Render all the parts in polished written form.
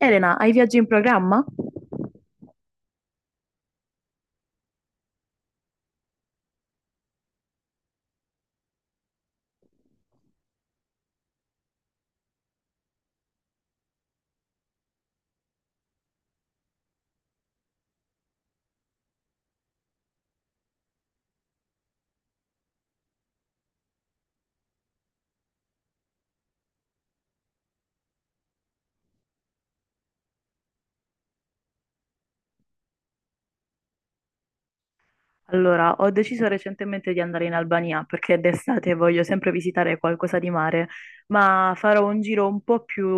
Elena, hai viaggi in programma? Allora, ho deciso recentemente di andare in Albania perché d'estate voglio sempre visitare qualcosa di mare, ma farò un giro un po' più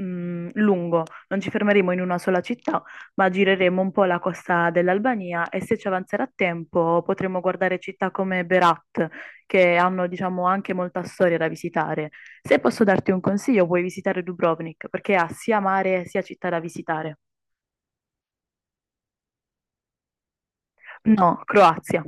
lungo. Non ci fermeremo in una sola città, ma gireremo un po' la costa dell'Albania e se ci avanzerà tempo potremo guardare città come Berat, che hanno, diciamo, anche molta storia da visitare. Se posso darti un consiglio, puoi visitare Dubrovnik perché ha sia mare sia città da visitare. No, Croazia.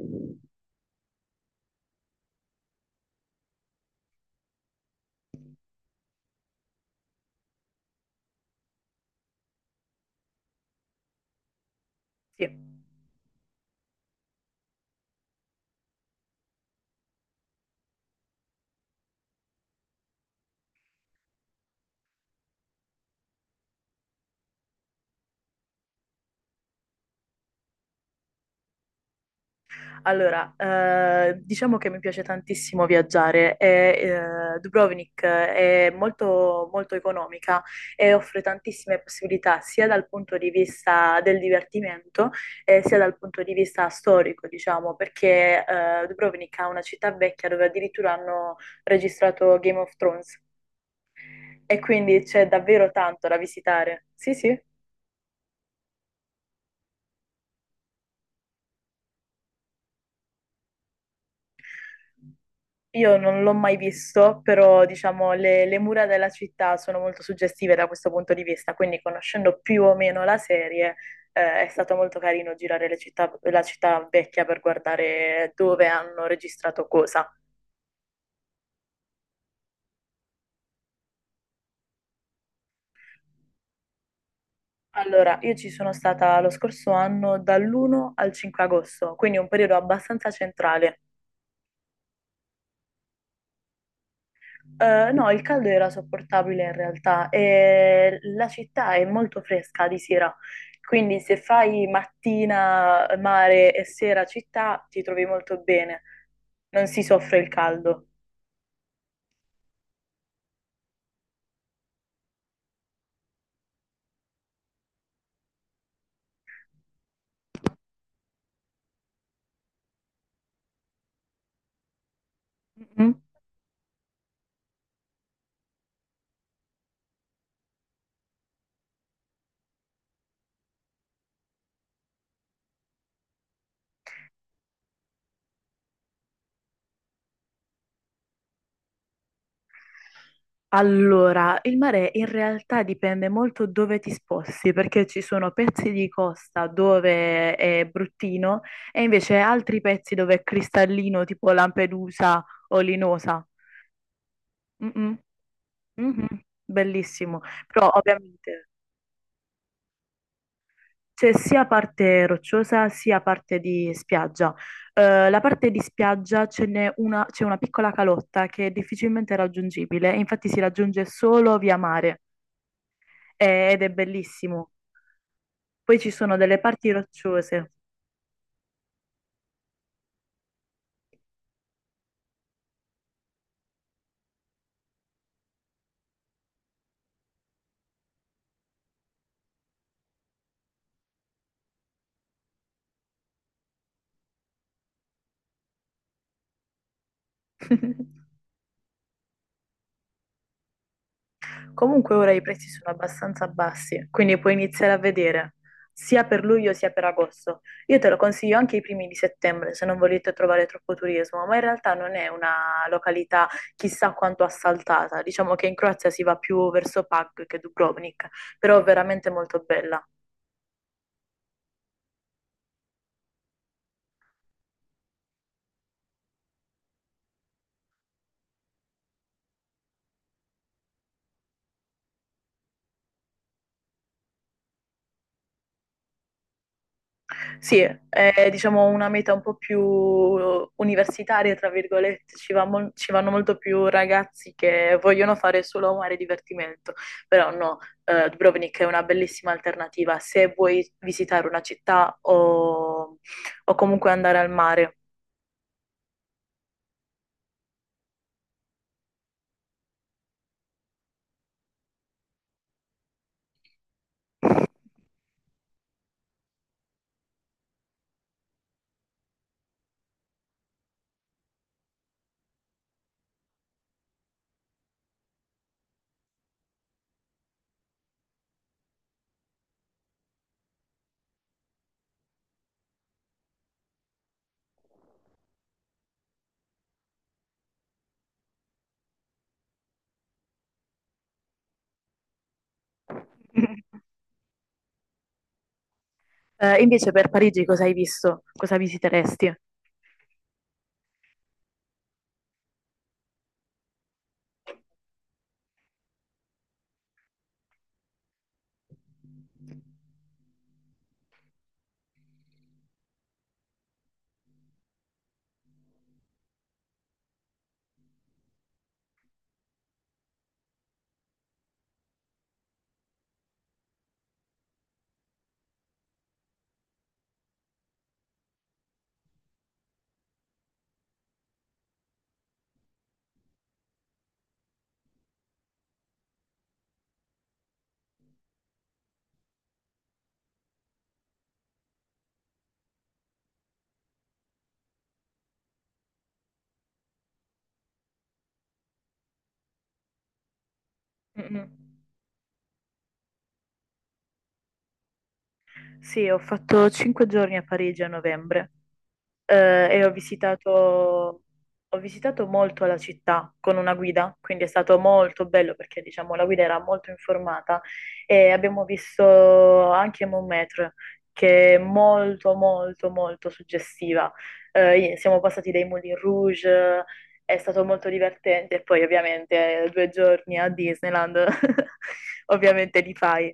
Sì. Allora, diciamo che mi piace tantissimo viaggiare e Dubrovnik è molto, molto economica e offre tantissime possibilità sia dal punto di vista del divertimento, sia dal punto di vista storico, diciamo, perché Dubrovnik ha una città vecchia dove addirittura hanno registrato Game of Thrones, e quindi c'è davvero tanto da visitare. Sì, sì. Io non l'ho mai visto, però diciamo le mura della città sono molto suggestive da questo punto di vista, quindi conoscendo più o meno la serie, è stato molto carino girare la città vecchia per guardare dove hanno registrato cosa. Allora, io ci sono stata lo scorso anno dall'1 al 5 agosto, quindi un periodo abbastanza centrale. No, il caldo era sopportabile in realtà e la città è molto fresca di sera, quindi se fai mattina mare e sera città ti trovi molto bene, non si soffre il caldo. Mhm. Allora, il mare in realtà dipende molto dove ti sposti, perché ci sono pezzi di costa dove è bruttino e invece altri pezzi dove è cristallino, tipo Lampedusa o Linosa. Mhm. Mhm. Bellissimo, però ovviamente c'è sia parte rocciosa sia parte di spiaggia. La parte di spiaggia ce n'è una, c'è una piccola calotta che è difficilmente raggiungibile, infatti si raggiunge solo via mare, ed è bellissimo. Poi ci sono delle parti rocciose. Comunque ora i prezzi sono abbastanza bassi, quindi puoi iniziare a vedere sia per luglio sia per agosto. Io te lo consiglio anche i primi di settembre se non volete trovare troppo turismo, ma in realtà non è una località chissà quanto assaltata. Diciamo che in Croazia si va più verso Pag che Dubrovnik, però è veramente molto bella. Sì, è diciamo una meta un po' più universitaria, tra virgolette, ci vanno molto più ragazzi che vogliono fare solo mare e divertimento, però no, Dubrovnik è una bellissima alternativa se vuoi visitare una città o comunque andare al mare. Invece per Parigi cosa hai visto? Cosa visiteresti? Mm-mm. Sì, ho fatto cinque giorni a Parigi a novembre. E ho visitato molto la città con una guida, quindi è stato molto bello perché diciamo la guida era molto informata e abbiamo visto anche Montmartre, che è molto molto molto suggestiva. Siamo passati dai Moulin Rouge, è stato molto divertente e poi ovviamente due giorni a Disneyland ovviamente li fai.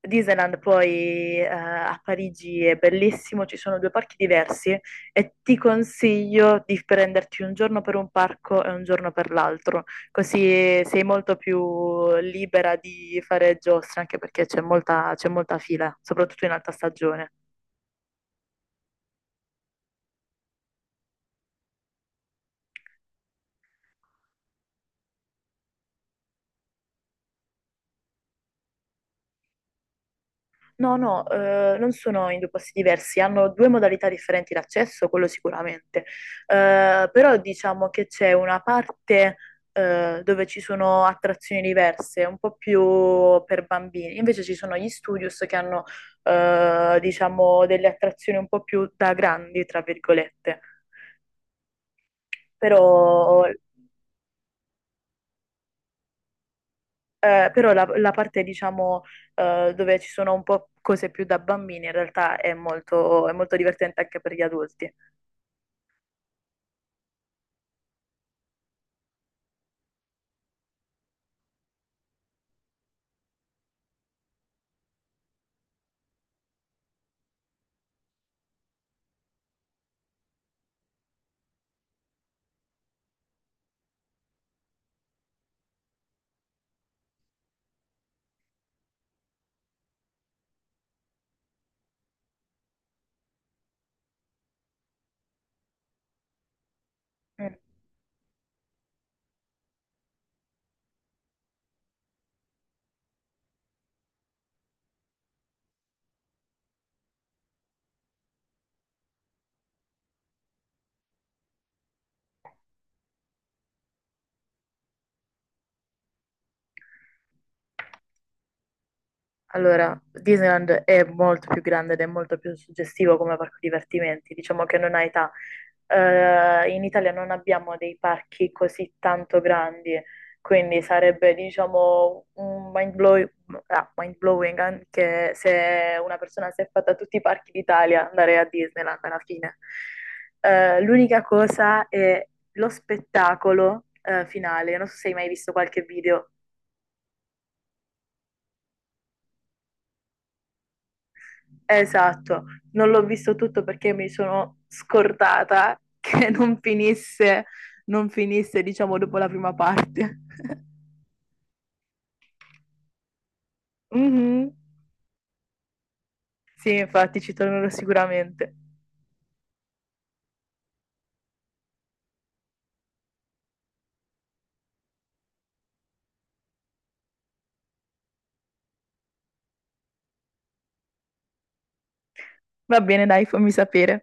Disneyland poi a Parigi è bellissimo, ci sono due parchi diversi e ti consiglio di prenderti un giorno per un parco e un giorno per l'altro, così sei molto più libera di fare giostre, anche perché c'è molta fila, soprattutto in alta stagione. No, no, non sono in due posti diversi, hanno due modalità differenti di accesso, quello sicuramente. Però diciamo che c'è una parte dove ci sono attrazioni diverse, un po' più per bambini, invece ci sono gli studios che hanno, diciamo, delle attrazioni un po' più da grandi, tra virgolette, però, però la parte diciamo, dove ci sono un po' cose più da bambini in realtà è molto, è molto divertente anche per gli adulti. Mm. Allora, Disneyland è molto più grande ed è molto più suggestivo come parco divertimenti, diciamo che non ha età. In Italia non abbiamo dei parchi così tanto grandi, quindi sarebbe, diciamo, un mind blowing, ah, mind blowing anche se una persona si è fatta tutti i parchi d'Italia andare a Disneyland alla fine. L'unica cosa è lo spettacolo, finale. Non so se hai mai visto qualche video. Esatto, non l'ho visto tutto perché mi sono scordata che non finisse, diciamo, dopo la prima parte. Mhm. Sì, infatti ci tornerò sicuramente. Va bene, dai, fammi sapere.